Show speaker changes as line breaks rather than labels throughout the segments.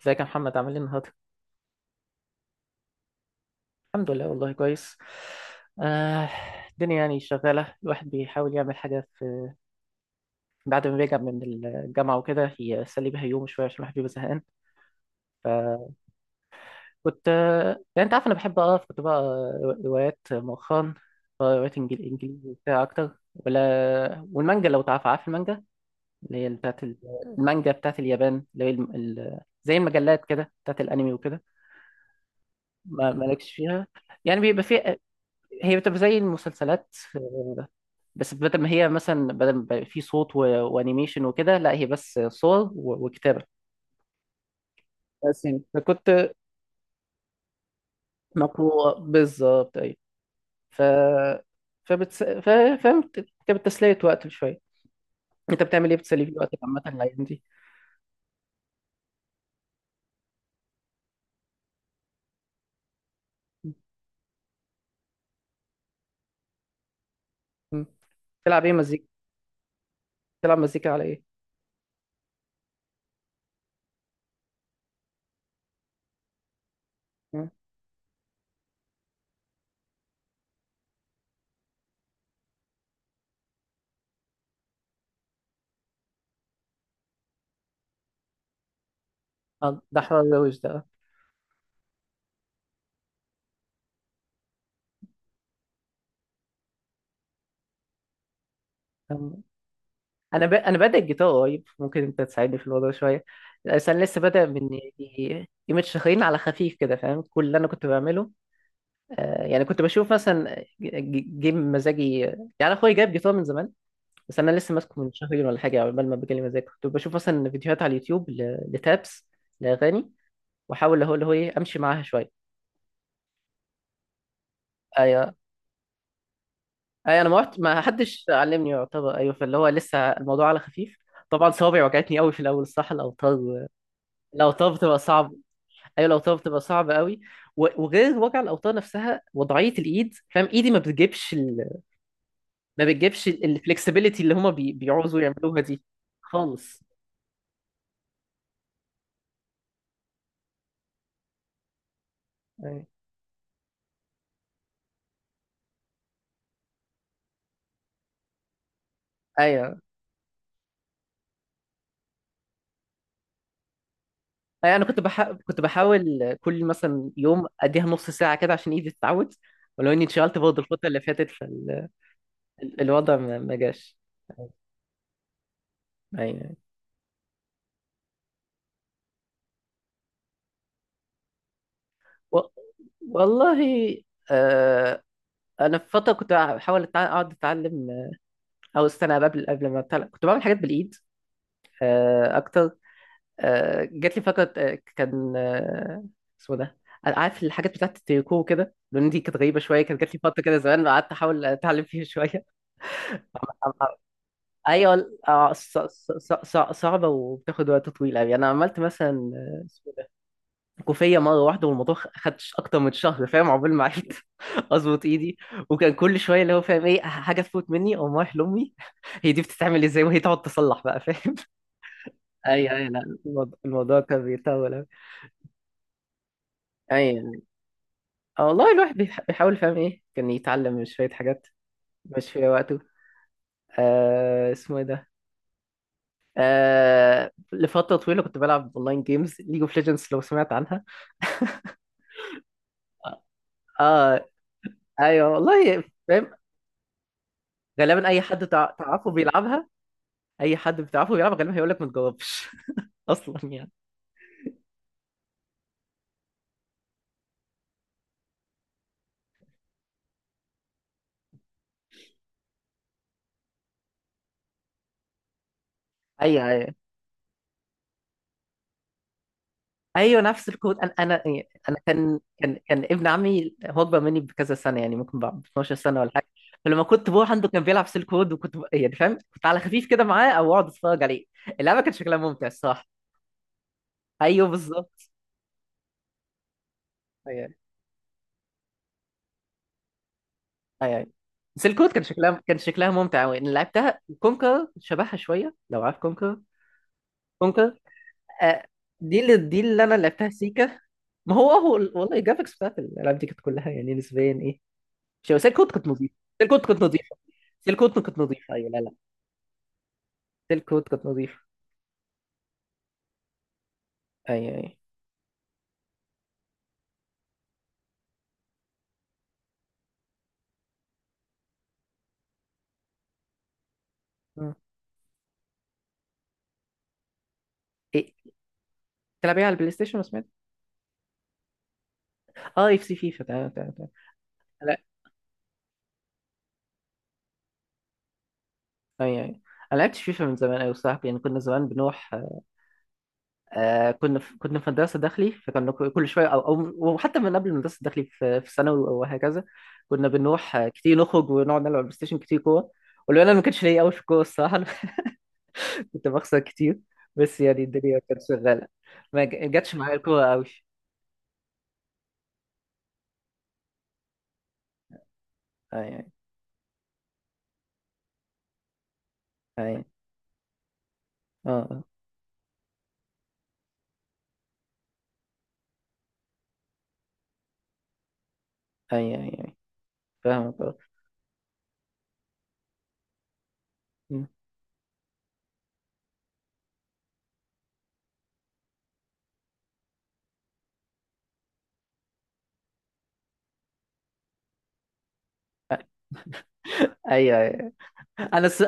ازيك يا محمد عامل ايه النهارده؟ الحمد لله، والله كويس. آه، الدنيا يعني شغالة. الواحد بيحاول يعمل حاجة في، بعد ما بيرجع من الجامعة وكده، يسلي بيها يوم شوية عشان الواحد بيبقى زهقان. فكنت يعني انت عارف، انا بحب اقرا. كنت بقرا روايات مؤخرا، بقرا روايات انجليزي وبتاع اكتر، ولا والمانجا لو تعرف. عارف المانجا اللي هي بتاعت ال- المانجا بتاعت اليابان، اللي هي زي المجلات كده بتاعت الانمي وكده. ما مالكش فيها. يعني بيبقى فيها، هي بتبقى زي المسلسلات، بس بدل ما هي مثلا، بدل ما يبقى في صوت وانيميشن وكده، لا هي بس صور وكتابة. بس يعني. مقروءة بالظبط، أيوة. ف فبتس... ف... فاهم. كانت بتسلية وقت شوية. أنت بتعمل إيه؟ بتسلي في وقتك عامة الأيام دي؟ م. تلعب إيه مزيكا؟ تلعب مزيكا على إيه؟ م. آه، ده حوار روش ده. آه. أنا بادئ الجيتار قريب، ممكن أنت تساعدني في الموضوع شوية. بس أنا لسه بادئ من يومين شهرين، على خفيف كده، فاهم كل اللي أنا كنت بعمله. يعني كنت بشوف مثلا جيم مزاجي. يعني اخويا جايب جيتار من زمان، بس انا لسه ماسكه من شهرين ولا حاجه. عقبال ما بجالي مزاج، كنت بشوف مثلا فيديوهات على اليوتيوب لتابس، لاغاني، واحاول. هو اللي هو ايه، امشي معاها شويه. ايوه، ايوه، انا ما رحت، ما حدش علمني يعتبر، ايوه، فاللي هو لسه الموضوع على خفيف. طبعا صوابعي وجعتني قوي في الاول، الصح الاوتار. الاوتار بتبقى صعب. ايوه الاوتار بتبقى صعبه قوي. وغير وجع الاوتار نفسها، وضعيه الايد، فاهم، ايدي ما بتجيبش. ما بتجيبش الفلكسبيليتي اللي هما بيعوزوا يعملوها دي. خالص. أيوة. ايوه أيوة، انا كنت كنت بحاول كل مثلا يوم اديها نص ساعه كده عشان ايدي تتعود. ولو اني اتشغلت برضه الفتره اللي فاتت، فالوضع ما جاش. ايوه. و... والله. آه. انا في فتره كنت بحاول اقعد اتعلم، او استنى، قبل ما أتعلم. كنت بعمل حاجات بالايد. آه، اكتر. جات لي فكره، كان، اسمه ده. أنا عارف الحاجات بتاعت التريكو كده، لان دي كانت غريبه شويه. كانت جات لي فتره كده زمان، قعدت احاول اتعلم فيها شويه. ايوه صعبه وبتاخد وقت طويل قوي. انا عملت مثلا، اسمه ده، كوفيه مره واحده، والموضوع خدش اكتر من شهر، فاهم، عقبال ما عرفت اظبط ايدي. وكان كل شويه اللي هو فاهم ايه، حاجه تفوت مني او رايح لامي، هي دي بتتعمل ازاي، وهي تقعد تصلح بقى، فاهم. ايوه، ايوه، لا. الموضوع كان بيطول قوي. ايوه، اه والله، الواحد بيحاول، فاهم ايه، كان يتعلم شوية حاجات مش في وقته. آه اسمه ايه ده. لفترة طويلة كنت بلعب اونلاين جيمز، ليج اوف ليجندز، لو سمعت عنها. اه. ايوه والله، فاهم. غالبا اي حد تعرفه بيلعبها. اي حد بتعرفه بيلعبها غالبا هيقول لك ما تجربش اصلا يعني. ايوه أيوة. ايوه نفس الكود. انا يعني، انا كان ابن عمي، هو اكبر مني بكذا سنه، يعني ممكن ب 12 سنه ولا حاجه. فلما كنت بروح عنده كان بيلعب سيل كود، وكنت يعني فاهم، كنت على خفيف كده معاه، او اقعد اتفرج عليه. اللعبه كان شكلها ممتع الصراحه. ايوه بالظبط. ايوه ايوه سيل كود، كان شكلها كان شكلها ممتع قوي. انا لعبتها كونكر، شبهها شويه لو عارف كونكر. كونكر. آه، دي اللي، دي اللي انا لعبتها سيكا. ما هو، هو والله الجرافيكس بتاعت الالعاب دي كانت كلها يعني نسبيا، ايه، شو. سيل كود كانت نظيفه. سيل كود كانت نظيفه. سيل كود كانت نظيفه. ايوه، لا لا، سيل كود كانت نظيفه. ايوه ايوه. مم. ايه. تلعبيها على البلاي ستيشن، ما سمعت. اه، اف سي فيفا، تمام تمام تمام. لا. ايوه ايوه. انا لعبت فيفا من زمان قوي، صاحبي يعني، كنا زمان بنروح. آه كنا في مدرسه داخلي، فكنا كل شويه او او. وحتى من قبل المدرسه الداخلي، في ثانوي وهكذا، كنا بنروح كتير، نخرج ونقعد نلعب بلاي ستيشن كتير، كوره. ولو انا ما كانش ليا قوي في الكوره الصراحه، أنا كنت بخسر كتير. بس يعني الدنيا كانت شغاله. ما جاتش معايا الكوره قوي. ايوه ايوه. اه. ايوه ايوه فاهمك، اه. مم. ايوه ايوه. انا الس...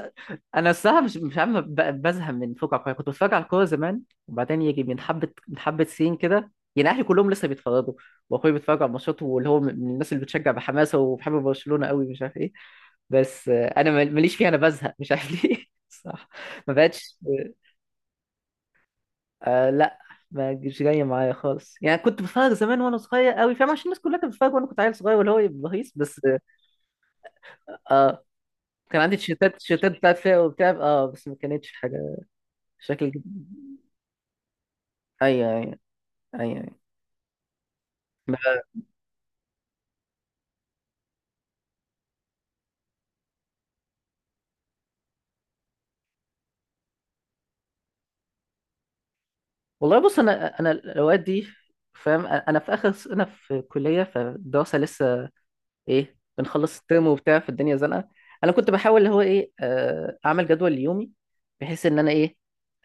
انا الصراحه مش عارف بزهق من فوق على الكوره. كنت بتفرج على الكوره زمان، وبعدين يجي من حبه سنين كده يعني، اهلي كلهم لسه بيتفرجوا، واخويا بيتفرج على الماتشات، واللي هو من الناس اللي بتشجع بحماسه، وبحب برشلونه قوي، مش عارف ايه. بس آه، انا ماليش فيها. انا بزهق مش عارف ليه. صح، ما بقتش. آه لا، ما جايه معايا خالص يعني. كنت بتفرج زمان وانا صغير قوي، فاهم، عشان الناس كلها كانت بتتفرج، وانا كنت عيل صغير، واللي هو بهيص بس. اه، كان عندي تيشيرتات بتاعت فيها وبتاع، اه، بس ما كانتش حاجة شكل جد- ايوه ايوه. ايوه أيوة. ما- والله بص، انا الاوقات دي فاهم، انا في اخر سنه في كليه، فالدراسه لسه ايه، بنخلص الترم وبتاع، في الدنيا زنقه. انا كنت بحاول اللي هو ايه، اعمل جدول ليومي، بحيث ان انا ايه،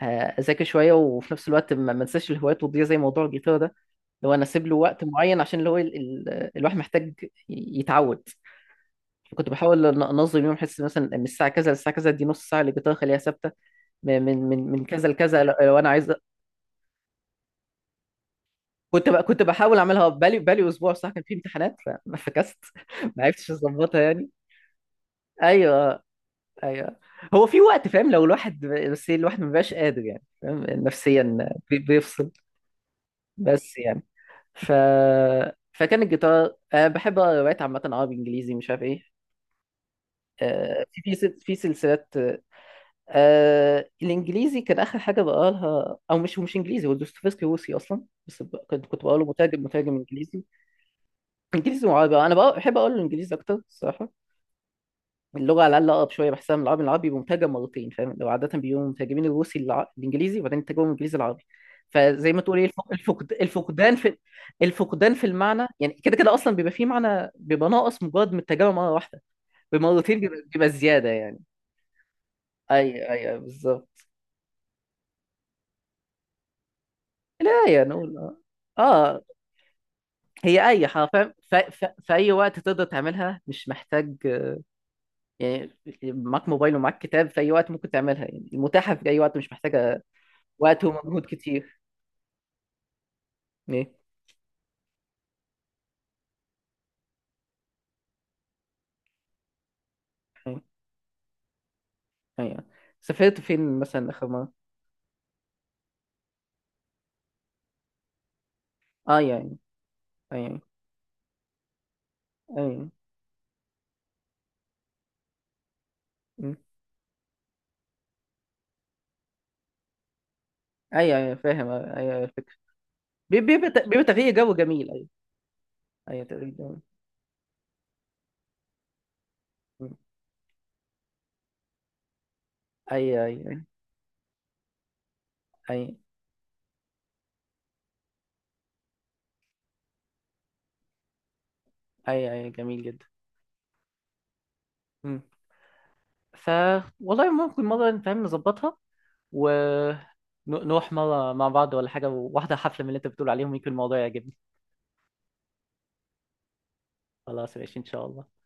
آه، اذاكر شويه، وفي نفس الوقت ما انساش الهوايات وتضيع زي موضوع الجيتار ده. اللي هو انا اسيب له وقت معين، عشان اللي هو الواحد محتاج يتعود. كنت بحاول انظم يوم، احس مثلا من الساعه كذا للساعه كذا، دي نص ساعه اللي كنت اخليها ثابته. من كذا لكذا، لو انا عايز. كنت بحاول اعملها بقالي، اسبوع صح، كان في امتحانات فما فكست. ما عرفتش اظبطها يعني. ايوه ايوه. هو في وقت فاهم، لو الواحد بس إيه، الواحد ما بيبقاش قادر يعني فاهم نفسيا بيفصل. بس يعني. ف. فكان الجيتار. أنا بحب اقرا روايات عامه، عربي انجليزي مش عارف ايه. في في سلسلات. الانجليزي كان اخر حاجه بقالها، او مش انجليزي، هو دوستويفسكي روسي اصلا، بس كنت بقاله مترجم، انجليزي. انجليزي وعربي، انا بقى بحب اقول الانجليزي اكتر الصراحه. اللغه على الاقل اقرب شويه بحسها من العربي. العربي بيبقى مترجم مرتين، فاهم، لو عاده بيقولوا مترجمين الروسي الانجليزي، وبعدين يترجموا الانجليزي العربي. فزي ما تقول ايه، الفقدان في المعنى. يعني كده كده اصلا بيبقى فيه معنى بيبقى ناقص، مجرد من الترجمه مره واحده. بمرتين بيبقى زياده يعني. اي اي أي، بالظبلا. يعني نقول اه. آه. هي اي حرفيا، في اي وقت تقدر تعملها، مش محتاج. يعني معاك موبايل ومعاك كتاب، في اي وقت ممكن تعملها يعني. متاحه في اي وقت، مش محتاجه وقت ومجهود كتير. ايه. ايوه أيوة. سافرت فين مثلا اخر مره؟ اه يعني. ايوه ايوه. م. ايوه ايوه فاهم، ايوه أيوة، الفكره بيبقى تغيير جو جميل. ايوه. ايوه تغيير جو. م. ايوه ايوه. ايوه ايوه ايوه جميل جدا. م. ف. والله ممكن مرة نفهم نظبطها، ونروح مرة مع بعض ولا حاجة، واحدة حفلة من اللي انت بتقول عليهم، يمكن الموضوع يعجبني. خلاص ماشي ان شاء الله.